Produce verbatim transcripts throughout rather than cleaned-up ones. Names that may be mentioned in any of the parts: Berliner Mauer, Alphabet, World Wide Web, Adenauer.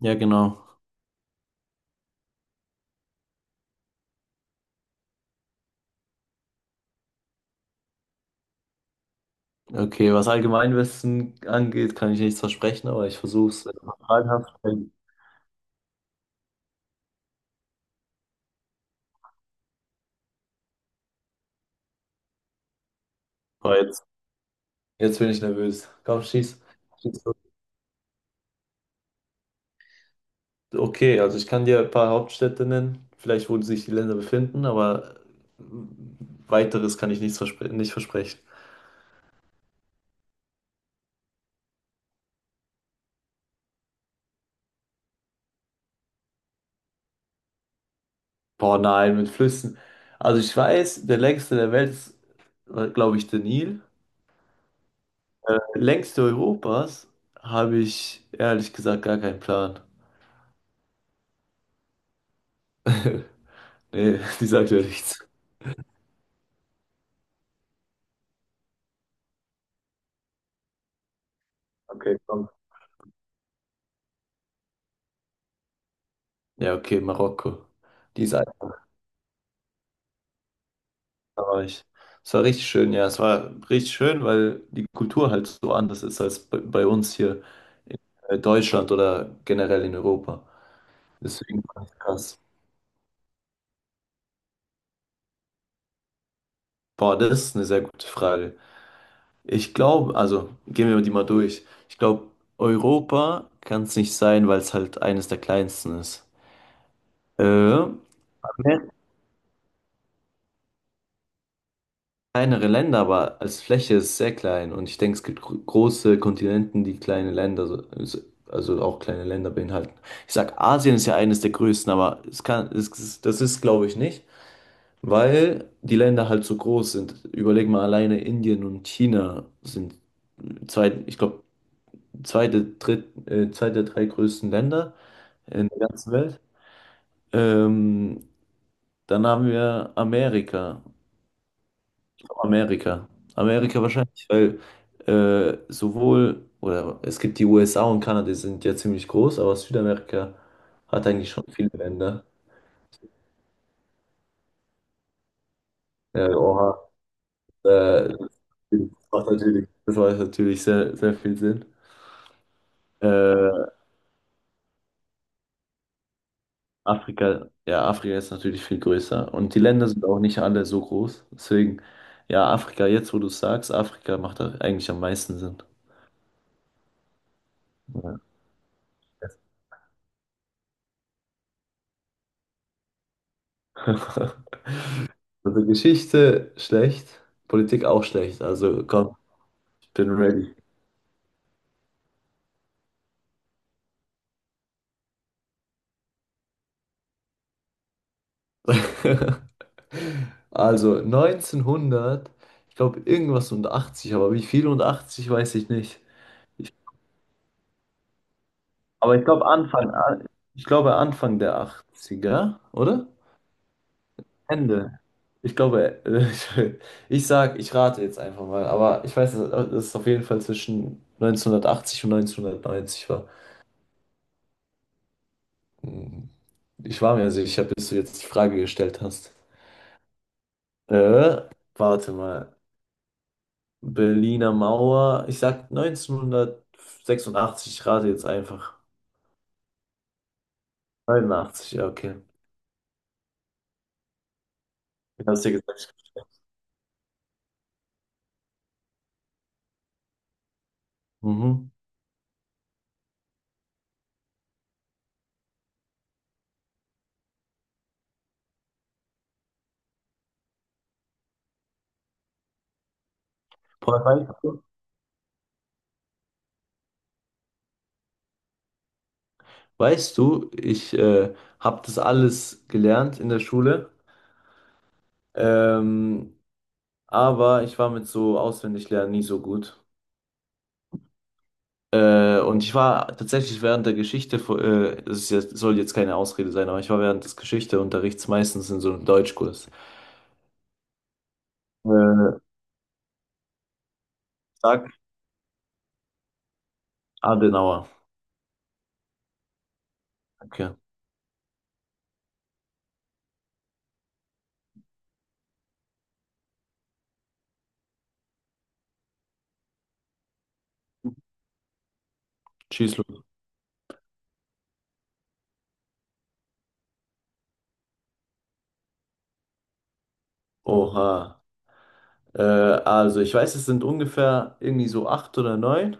Ja, genau. Okay, was Allgemeinwissen angeht, kann ich nichts versprechen, aber ich versuche es. Wenn du noch Fragen hast, stell- Oh, jetzt, jetzt bin ich nervös. Komm, schieß. schieß los. Okay, also ich kann dir ein paar Hauptstädte nennen, vielleicht wo sich die Länder befinden, aber äh, weiteres kann ich nichts verspre nicht versprechen. Boah, nein, mit Flüssen. Also ich weiß, der längste der Welt ist, glaube ich, der Nil. Äh, längste Europas habe ich ehrlich gesagt gar keinen Plan. Nee, die sagt ja nichts. Okay, komm. Ja, okay, Marokko. Die ist einfach, da war ich. Es war richtig schön, ja, es war richtig schön, weil die Kultur halt so anders ist als bei, bei uns hier in Deutschland oder generell in Europa. Deswegen fand ich krass. Boah, das ist eine sehr gute Frage. Ich glaube, also gehen wir die mal durch. Ich glaube, Europa kann es nicht sein, weil es halt eines der kleinsten ist. Äh, kleinere Länder, aber als Fläche ist es sehr klein. Und ich denke, es gibt gro große Kontinenten, die kleine Länder, so- so- also auch kleine Länder beinhalten. Ich sag, Asien ist ja eines der größten, aber es kann, es, es- das ist, glaube ich, nicht, weil die Länder halt so groß sind. Überleg mal, alleine Indien und China sind zwei, ich glaube, zweite, dritt, äh, zwei der drei größten Länder in der ganzen Welt. Ähm, dann haben wir Amerika. Amerika. Amerika wahrscheinlich, weil äh, sowohl, oder es gibt die U S A und Kanada, die sind ja ziemlich groß, aber Südamerika hat eigentlich schon viele Länder. Ja, oha. Äh, das macht natürlich, das macht natürlich sehr, sehr viel Sinn. Äh, Afrika, ja, Afrika ist natürlich viel größer und die Länder sind auch nicht alle so groß. Deswegen, ja, Afrika, jetzt wo du es sagst, Afrika macht da eigentlich am meisten Sinn. Ja. Also Geschichte schlecht, Politik auch schlecht. Also komm, ich bin ready. Also neunzehnhundert, ich glaube irgendwas und achtzig, aber wie viel und achtzig weiß ich nicht. Ich, aber ich glaube Anfang, ich glaube Anfang der achtziger, oder? Ende. Ich glaube, äh, ich sag, ich rate jetzt einfach mal, aber ich weiß, dass dass es auf jeden Fall zwischen neunzehnhundertachtzig und neunzehnhundertneunzig war. Hm, Ich war mir sicher, bis du jetzt die Frage gestellt hast. Äh, warte mal. Berliner Mauer. Ich sag neunzehnhundertsechsundachtzig. Ich rate jetzt einfach. neunundachtzig, ja, okay. Ich hab's dir gesagt. Mhm. Boah, weißt du, weißt du, ich äh, habe das alles gelernt in der Schule, ähm, aber ich war mit so Auswendiglernen nie so gut. Äh, und ich war tatsächlich während der Geschichte, vor- äh, das ist jetzt, soll jetzt keine Ausrede sein, aber ich war während des Geschichteunterrichts meistens in so einem Deutschkurs. Äh, sag Adenauer. Okay. Schieß los. Oha. Äh, also ich weiß, es sind ungefähr irgendwie so acht oder neun,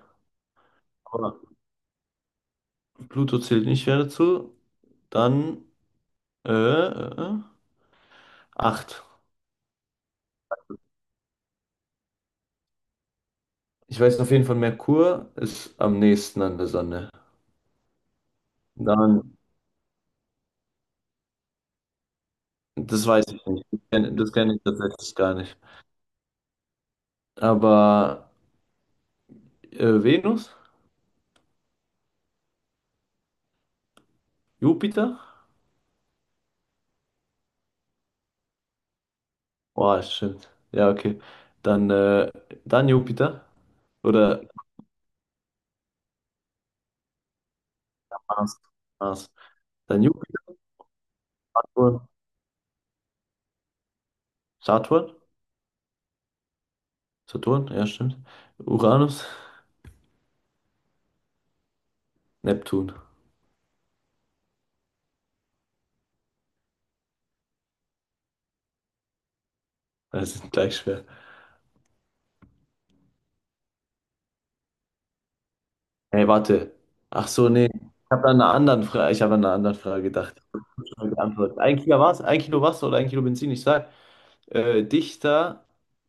aber Pluto zählt nicht mehr dazu. Dann äh, äh, äh, acht. Ich weiß auf jeden Fall, Merkur ist am nächsten an der Sonne. Dann, das weiß ich nicht. Das kenne das kenn ich tatsächlich gar nicht. Aber äh, Venus? Jupiter? Boah, stimmt. Ja, okay. Dann, äh, dann Jupiter. Oder Mars. Mars. Dann Jupiter. Saturn? Saturn, ja, stimmt. Uranus? Neptun. Das ist gleich schwer. Hey, warte. Ach so, nee. Ich habe an einer anderen Frage, ich habe an einer anderen Frage gedacht. Ich hab schon geantwortet. Ein Kilo was? Ein Kilo Wasser oder ein Kilo Benzin? Ich sag, äh, dichter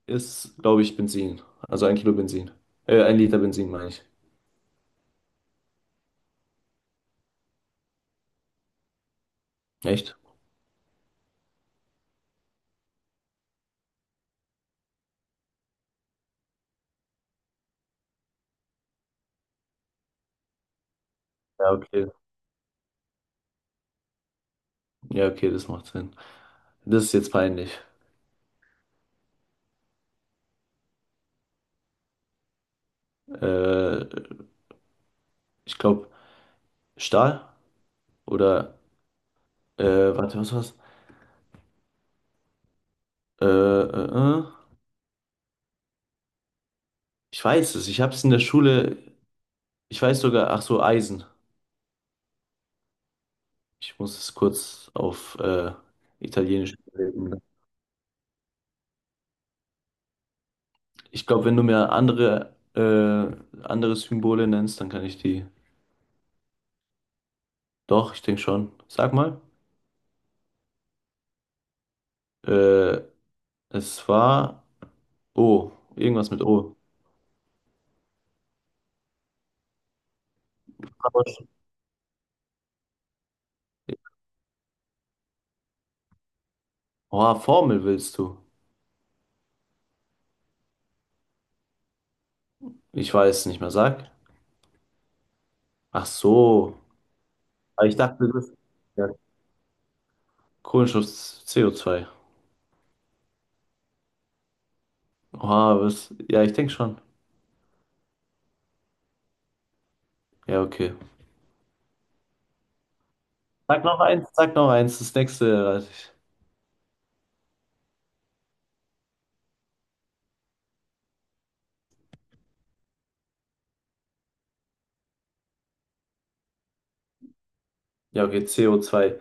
ist, glaube ich, Benzin. Also ein Kilo Benzin. Äh, ein Liter Benzin, meine ich. Echt? Ja, okay. Ja, okay, das macht Sinn. Das ist jetzt peinlich. Äh, ich glaube, Stahl oder, äh, warte, was war's? Äh, äh, äh. Ich weiß es, ich habe es in der Schule, ich weiß sogar, ach so, Eisen. Ich muss es kurz auf äh, Italienisch überlegen. Ich glaube, wenn du mir andere, äh, andere Symbole nennst, dann kann ich die. Doch, ich denke schon. Sag mal. Äh, es war O, irgendwas mit O. Aber sch- Oh, Formel willst du? Ich weiß nicht mehr, sag. Ach so. Aber ich dachte, das ja. Kohlenstoff, C O zwei. Oh, was? Ja, ich denke schon. Ja, okay. Sag noch eins, sag noch eins, das nächste. Ja, okay, C O zwei.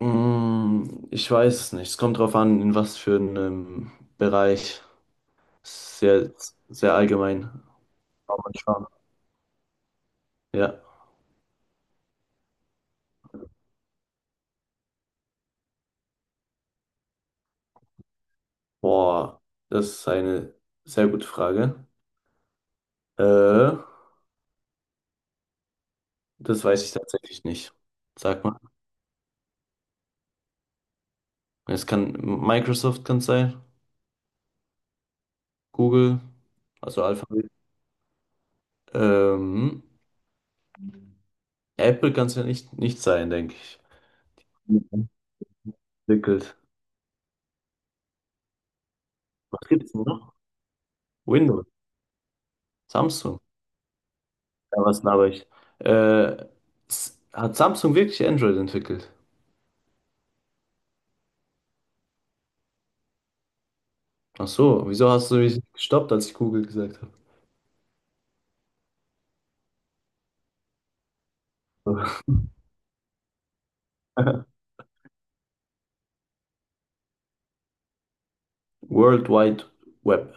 Mm, ich weiß es nicht. Es kommt drauf an, in was für einem Bereich. Sehr, sehr allgemein. Aber mal schauen. Ja. Boah, das ist eine sehr gute Frage. Äh, das weiß ich tatsächlich nicht. Sag mal. Es kann Microsoft kann es sein, Google, also Alphabet. Ähm, Apple kann es ja nicht, nicht sein, denke ich. Mhm. Entwickelt. Was gibt's denn noch? Windows, Samsung. Ja, was laber ich? Äh, s- hat Samsung wirklich Android entwickelt? Ach so, wieso hast du mich gestoppt, als ich Google gesagt habe? World Wide Web.